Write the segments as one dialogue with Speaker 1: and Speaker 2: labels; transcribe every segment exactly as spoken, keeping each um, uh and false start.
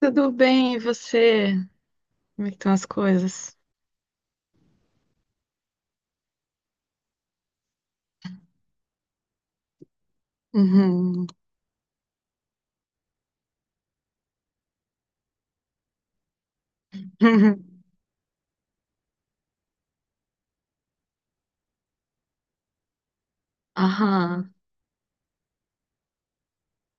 Speaker 1: Tudo bem, e você? Como é que estão as coisas? Uhum. Aham,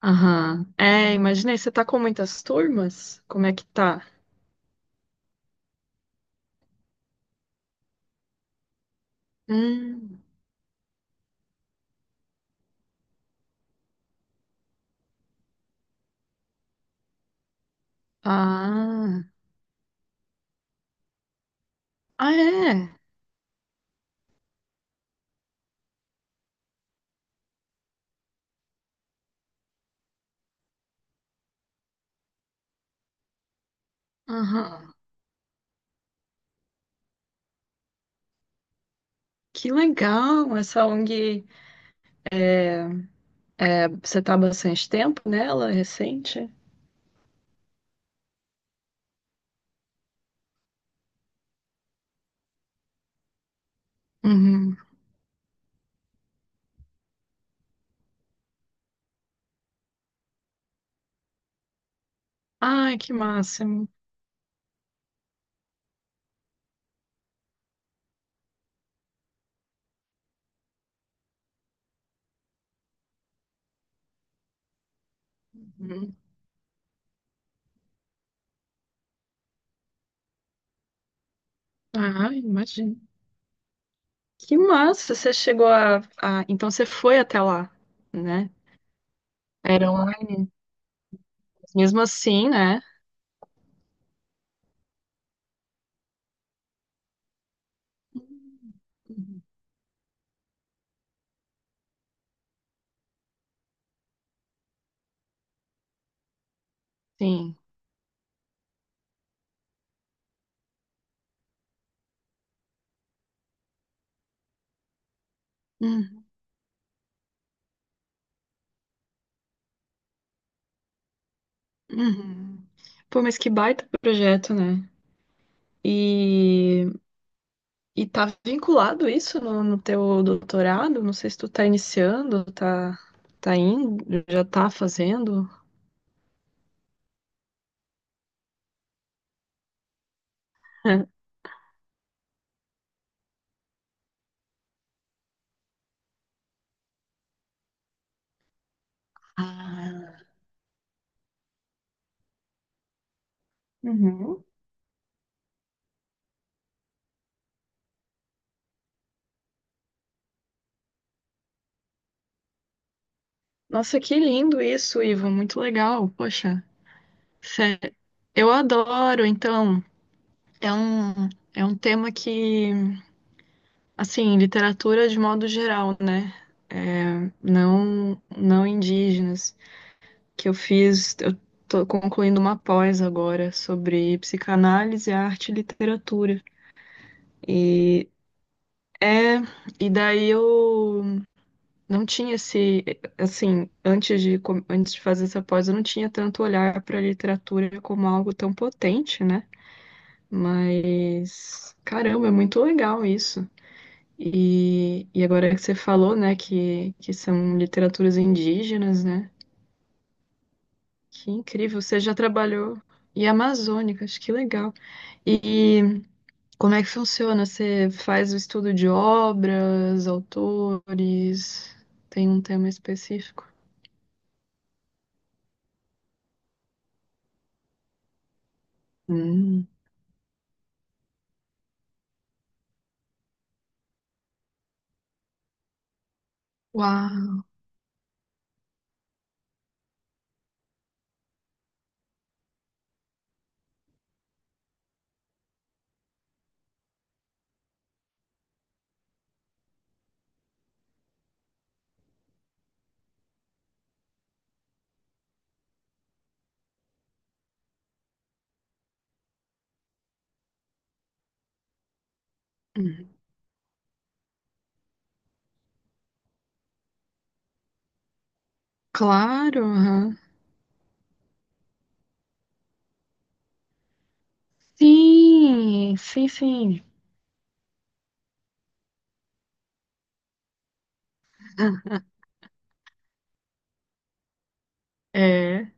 Speaker 1: aham. É, imaginei, você tá com muitas turmas? Como é que tá? Hum, ah, ah, é? Aham. Que legal, essa O N G, é, é, você tá há bastante tempo nela, recente? Uhum. Ai, que máximo. Uhum. Ah, imagino. Que massa, você chegou a, a... Então você foi até lá, né? Eram mesmo assim, né? Uhum. Sim. Uhum. Uhum. Pô, mas que baita projeto, né? E, e tá vinculado isso no, no teu doutorado? Não sei se tu tá iniciando, tá, tá indo, já tá fazendo. Ah. Uhum. Nossa, que lindo isso, Ivo, muito legal. Poxa, sé- eu adoro, então, é um, é um tema que, assim, literatura de modo geral, né? não não indígenas, que eu fiz, eu tô concluindo uma pós agora sobre psicanálise, arte e literatura. E é, e daí eu não tinha esse, assim, antes de com- antes de fazer essa pós, eu não tinha tanto olhar para a literatura como algo tão potente, né? Mas caramba, é muito legal isso. E, e agora que você falou, né, que, que são literaturas indígenas, né? Que incrível, você já trabalhou em amazônicas, que legal. E como é que funciona? Você faz o estudo de obras, autores, tem um tema específico? Hum. Uau! Hum. Claro, aham. Sim, sim, sim. É.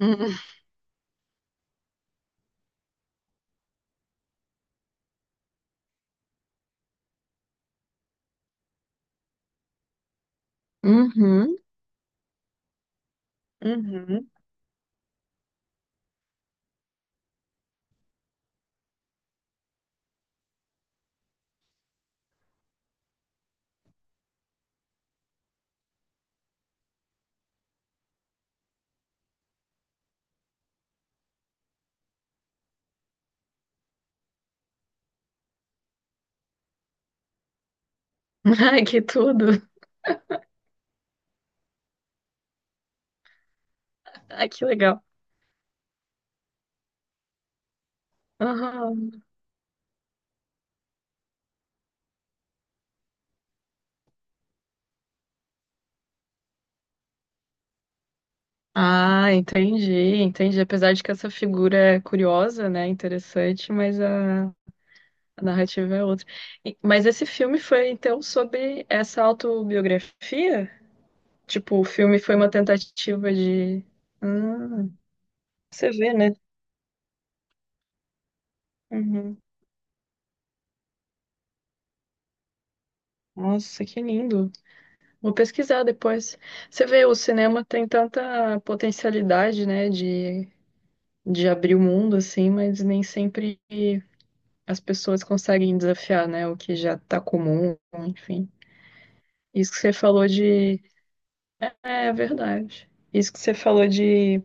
Speaker 1: Hum. Uhum, uhum. Ai, que tudo! Ai, que legal. Aham. Ah, entendi, entendi. Apesar de que essa figura é curiosa, né, interessante, mas a, a narrativa é outra. E mas esse filme foi, então, sobre essa autobiografia? Tipo, o filme foi uma tentativa de... Hum, você vê, né? Uhum. Nossa, que lindo. Vou pesquisar depois. Você vê, o cinema tem tanta potencialidade, né, de, de abrir o mundo, assim, mas nem sempre as pessoas conseguem desafiar, né, o que já está comum, enfim. Isso que você falou de. É, é verdade. Isso que você falou de,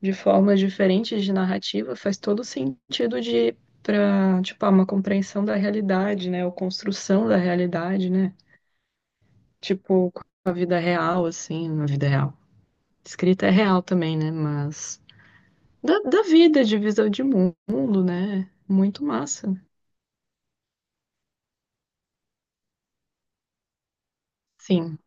Speaker 1: de formas diferentes de narrativa faz todo sentido de para, tipo, ah, uma compreensão da realidade, né, ou construção da realidade, né? Tipo, com a vida real, assim, na vida real. Escrita é real também, né? Mas da, da vida, de visão de mundo, né? Muito massa. Sim,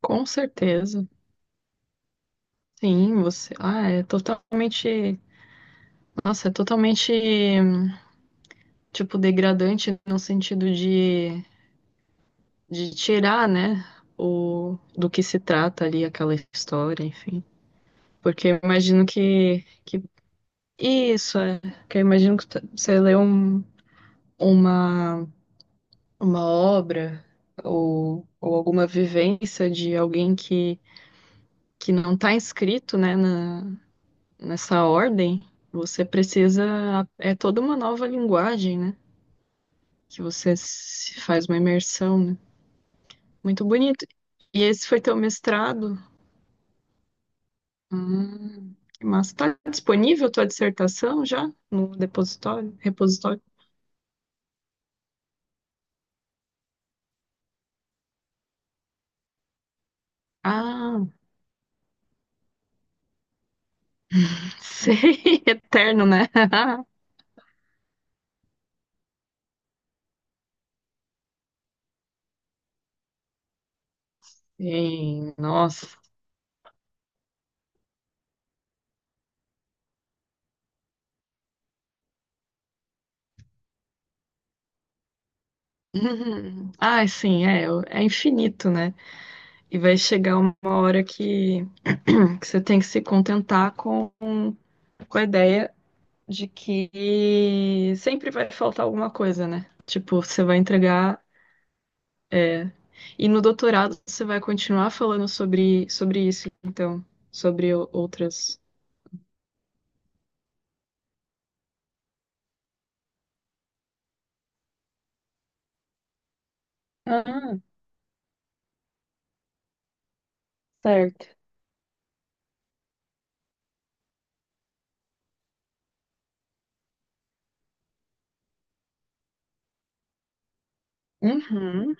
Speaker 1: com certeza. Sim, você. Ah, é totalmente. Nossa, é totalmente, tipo, degradante no sentido de, de tirar, né, o, do que se trata ali aquela história, enfim. Porque eu imagino que, que isso é. Que eu imagino que t- você lê um, uma, uma obra ou, ou alguma vivência de alguém que, que não está inscrito, né, na, nessa ordem. Você precisa. É toda uma nova linguagem, né? Que você se faz uma imersão, né? Muito bonito. E esse foi teu mestrado? Hum, que massa. Tá disponível tua dissertação já no depositório, repositório? Ah, sei, eterno, né? Sim, nossa. Uhum. Ah, sim, é, é é infinito, né? E vai chegar uma hora que, que você tem que se contentar com, com a ideia de que sempre vai faltar alguma coisa, né? Tipo, você vai entregar. E no doutorado você vai continuar falando sobre, sobre isso, então, sobre o- outras. Ah, certo. Uhum.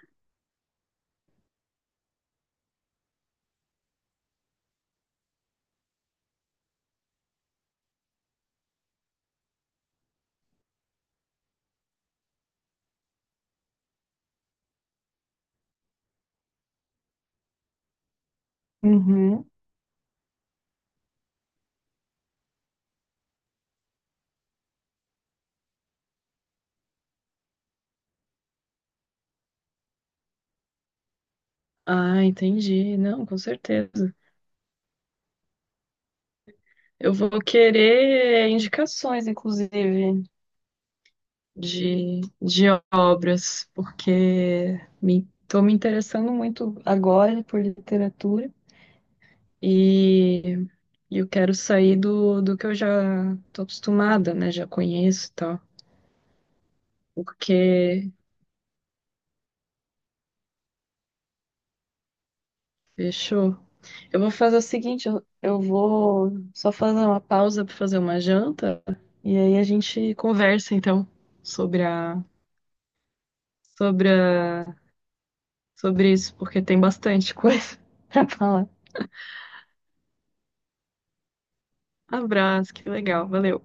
Speaker 1: Uhum. Ah, entendi. Não, com certeza. Eu vou querer indicações, inclusive, de, de obras, porque me, tô me interessando muito agora por literatura e e eu quero sair do, do que eu já tô acostumada, né? Já conheço e tal. Porque fechou. Eu vou fazer o seguinte, eu, eu vou só fazer uma pausa para fazer uma janta e aí a gente conversa então sobre a sobre a, sobre isso, porque tem bastante coisa para falar. Abraço, que legal, valeu.